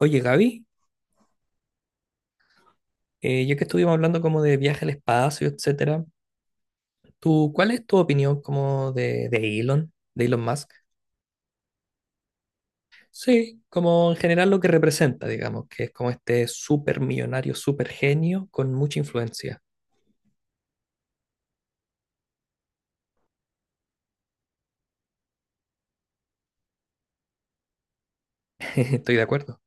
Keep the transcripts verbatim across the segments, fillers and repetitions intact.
Oye, Gaby, eh, ya que estuvimos hablando como de viaje al espacio, etcétera, ¿tú cuál es tu opinión como de, de Elon, de Elon Musk? Sí, como en general lo que representa, digamos, que es como este súper millonario, súper genio con mucha influencia. Estoy de acuerdo.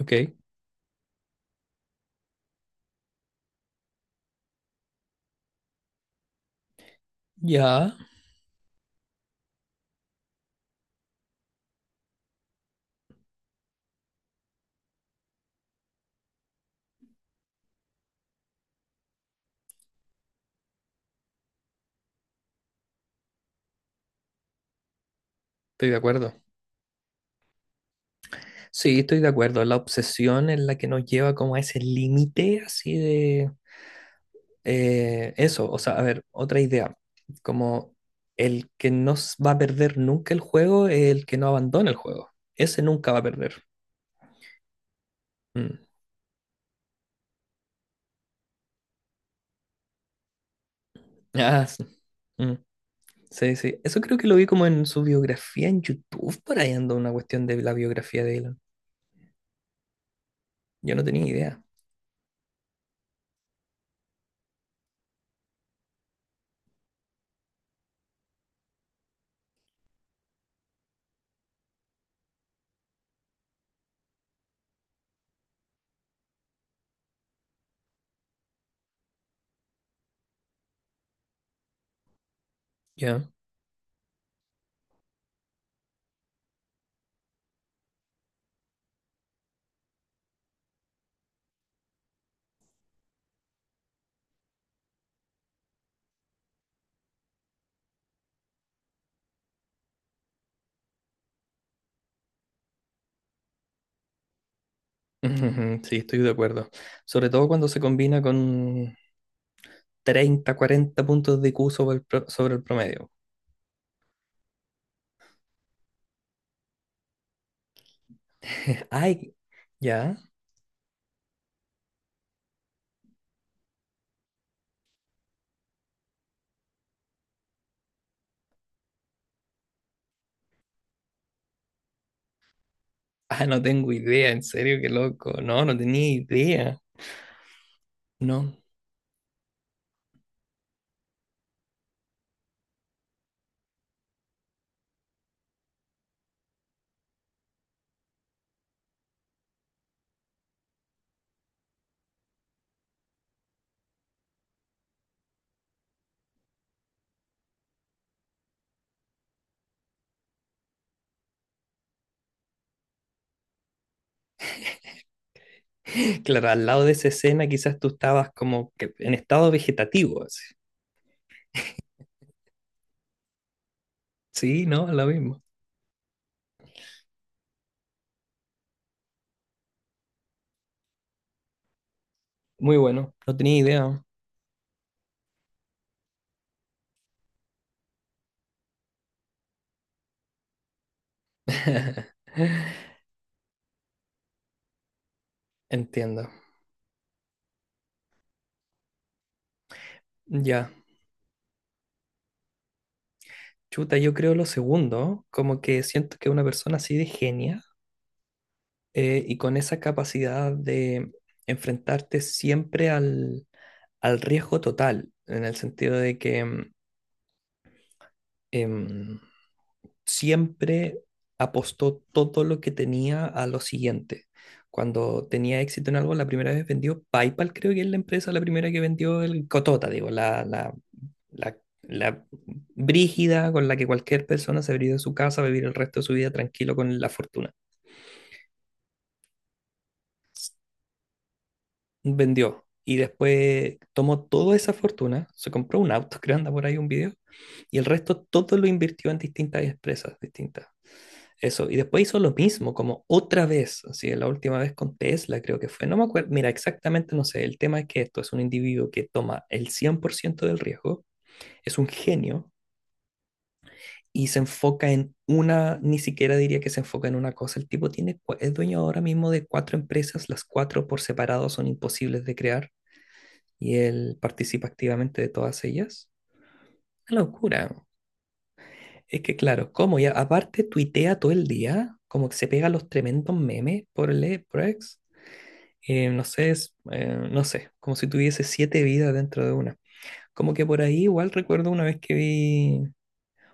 Ok, ya, estoy de acuerdo. Sí, estoy de acuerdo. La obsesión es la que nos lleva como a ese límite así de. Eh, eso, o sea, a ver, otra idea, como el que no s- va a perder nunca el juego es el que no abandona el juego. Ese nunca va a perder. Mm. Ah, sí. Mm. Sí, sí. Eso creo que lo vi como en su biografía en YouTube, por ahí anda una cuestión de la biografía de Elon. Yo no tenía idea. Ya. Ujú, sí, estoy de acuerdo. Sobre todo cuando se combina con treinta cuarenta puntos de I Q sobre el, pro- sobre el promedio. Ay, ya. Ah, no tengo idea, en serio, qué loco. No, no tenía idea. No. Claro, al lado de esa escena quizás tú estabas como que en estado vegetativo, así. Sí, no, lo mismo. Muy bueno, no tenía idea. Entiendo. Ya. Chuta, yo creo lo segundo, como que siento que una persona así de genia eh, y con esa capacidad de enfrentarte siempre al, al riesgo total, en el sentido de que mm, em, siempre apostó todo lo que tenía a lo siguiente. Cuando tenía éxito en algo, la primera vez vendió PayPal, creo que es la empresa la primera que vendió el Cotota, digo, la, la, la, la brígida con la que cualquier persona se habría ido de su casa a vivir el resto de su vida tranquilo con la fortuna. Vendió y después tomó toda esa fortuna, se compró un auto, creo anda por ahí un video, y el resto todo lo invirtió en distintas empresas distintas. Eso, y después hizo lo mismo, como otra vez, así, la última vez con Tesla creo que fue, no me acuerdo, mira, exactamente no sé, el tema es que esto es un individuo que toma el cien por ciento del riesgo, es un genio y se enfoca en una, ni siquiera diría que se enfoca en una cosa, el tipo tiene, cua- es dueño ahora mismo de cuatro empresas, las cuatro por separado son imposibles de crear y él participa activamente de todas ellas. Una locura. Es que claro, como ya aparte tuitea todo el día, como que se pega los tremendos memes por el por X. Eh, no sé, es, eh, no sé, como si tuviese siete vidas dentro de una. Como que por ahí igual recuerdo una vez que vi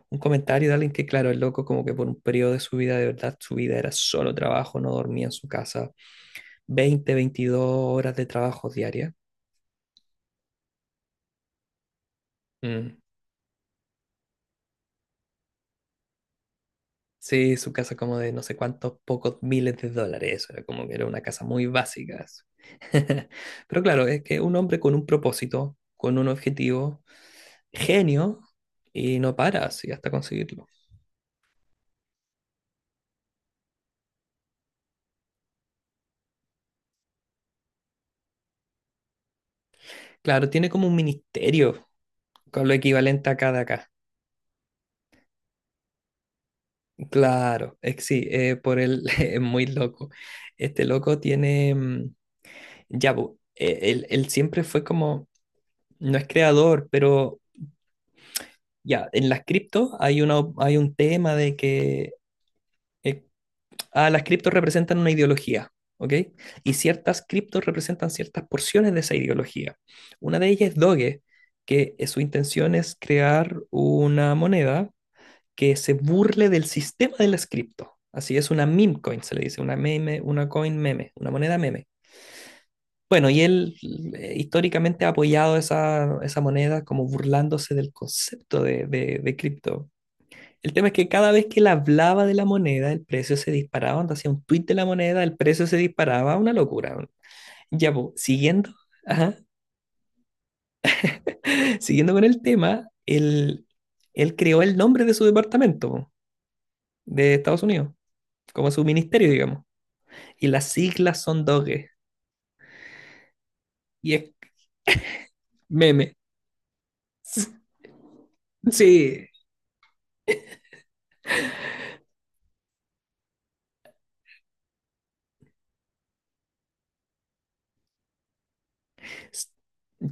un comentario de alguien que, claro, el loco como que por un periodo de su vida, de verdad, su vida era solo trabajo, no dormía en su casa, veinte veintidós horas de trabajo diaria. Mm. Sí, su casa como de no sé cuántos pocos miles de dólares, era como que era una casa muy básica. Eso. Pero claro, es que un hombre con un propósito, con un objetivo, genio, y no para así hasta conseguirlo. Claro, tiene como un ministerio con lo equivalente a cada acá. Claro, eh, sí, eh, por él es muy loco. Este loco tiene, mm, ya, po, eh, él, él siempre fue como, no es creador, pero ya, en las criptos hay una, op- hay un tema de que, eh, ah, las criptos representan una ideología, ¿ok? Y ciertas criptos representan ciertas porciones de esa ideología. Una de ellas es Doge, que eh, su intención es crear una moneda que se burle del sistema de las cripto. Así es una meme coin, se le dice, una meme, una coin meme, una moneda meme. Bueno, y él eh, históricamente ha apoyado esa, esa moneda como burlándose del concepto de, de, de cripto. El tema es que cada vez que él hablaba de la moneda, el precio se disparaba. Cuando hacía un tweet de la moneda, el precio se disparaba. Una locura. Ya, pues, siguiendo, ajá, siguiendo con el tema, él, él creó el nombre de su departamento de Estados Unidos, como su ministerio, digamos. Y las siglas son Doge y es meme. Sí,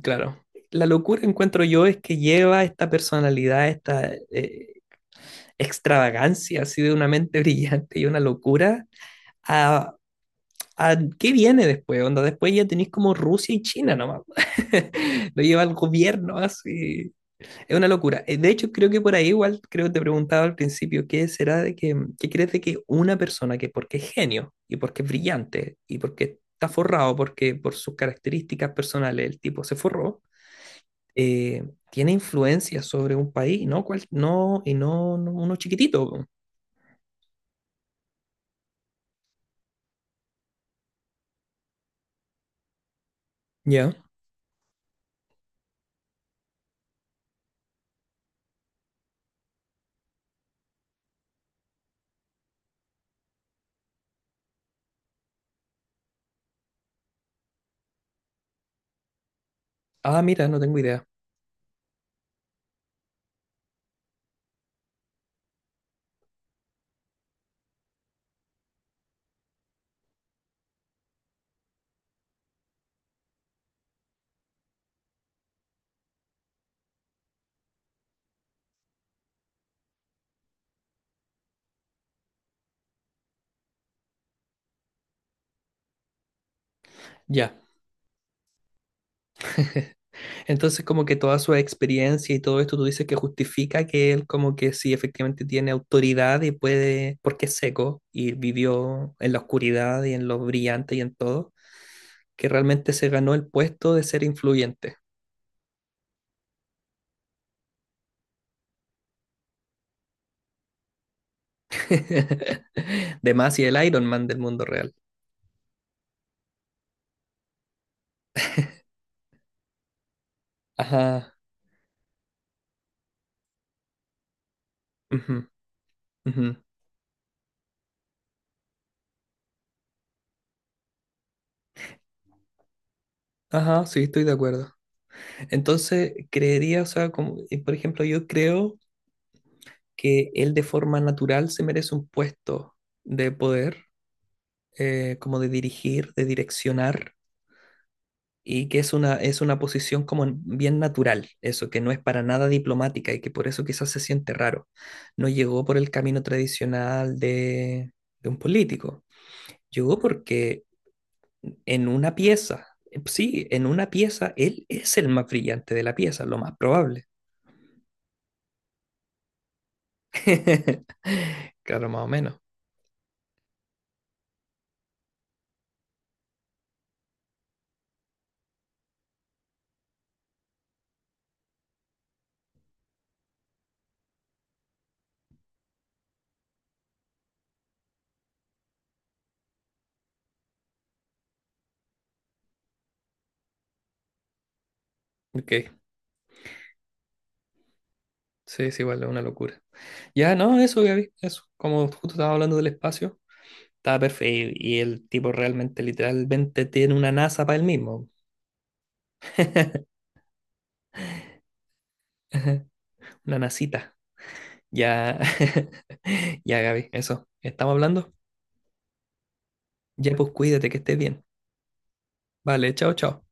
claro. La locura encuentro yo es que lleva esta personalidad, esta eh, extravagancia así de una mente brillante y una locura a, a qué viene después, onda. Después ya tenéis como Rusia y China nomás. Lo lleva el gobierno así. Es una locura. Eh, De hecho, creo que por ahí igual, creo que te preguntaba al principio, ¿qué será de que, qué crees de que una persona que porque es genio y porque es brillante y porque está forrado, porque por sus características personales el tipo se forró, eh, tiene influencia sobre un país, ¿no? Cual- no, y no, no uno chiquitito. Po. Ya. Ah, mira, no tengo idea. Ya. Entonces, como que toda su experiencia y todo esto, tú dices que justifica que él como que sí efectivamente tiene autoridad y puede, porque es seco y vivió en la oscuridad y en lo brillante y en todo, que realmente se ganó el puesto de ser influyente. De más y el Iron Man del mundo real. Ajá. Ujú, ujú. Ajá, sí, estoy de acuerdo. Entonces, creería, o sea, como, eh, por ejemplo, yo creo que él de forma natural se merece un puesto de poder eh, como de dirigir, de direccionar, y que es una, es una posición como bien natural, eso, que no es para nada diplomática y que por eso quizás se siente raro. No llegó por el camino tradicional de, de un político, llegó porque en una pieza, eh, sí, en una pieza, él es el más brillante de la pieza, lo más probable. Claro, más o menos. Ok, sí, es igual, es una locura. Ya, no, eso, Gaby, eso. Como justo estaba hablando del espacio, estaba perfecto. Y el tipo realmente, literalmente, tiene una NASA para él mismo. Una nasita. Ya, ya, Gaby, eso. ¿Estamos hablando? Ya, pues cuídate, que estés bien. Vale, chao, chao.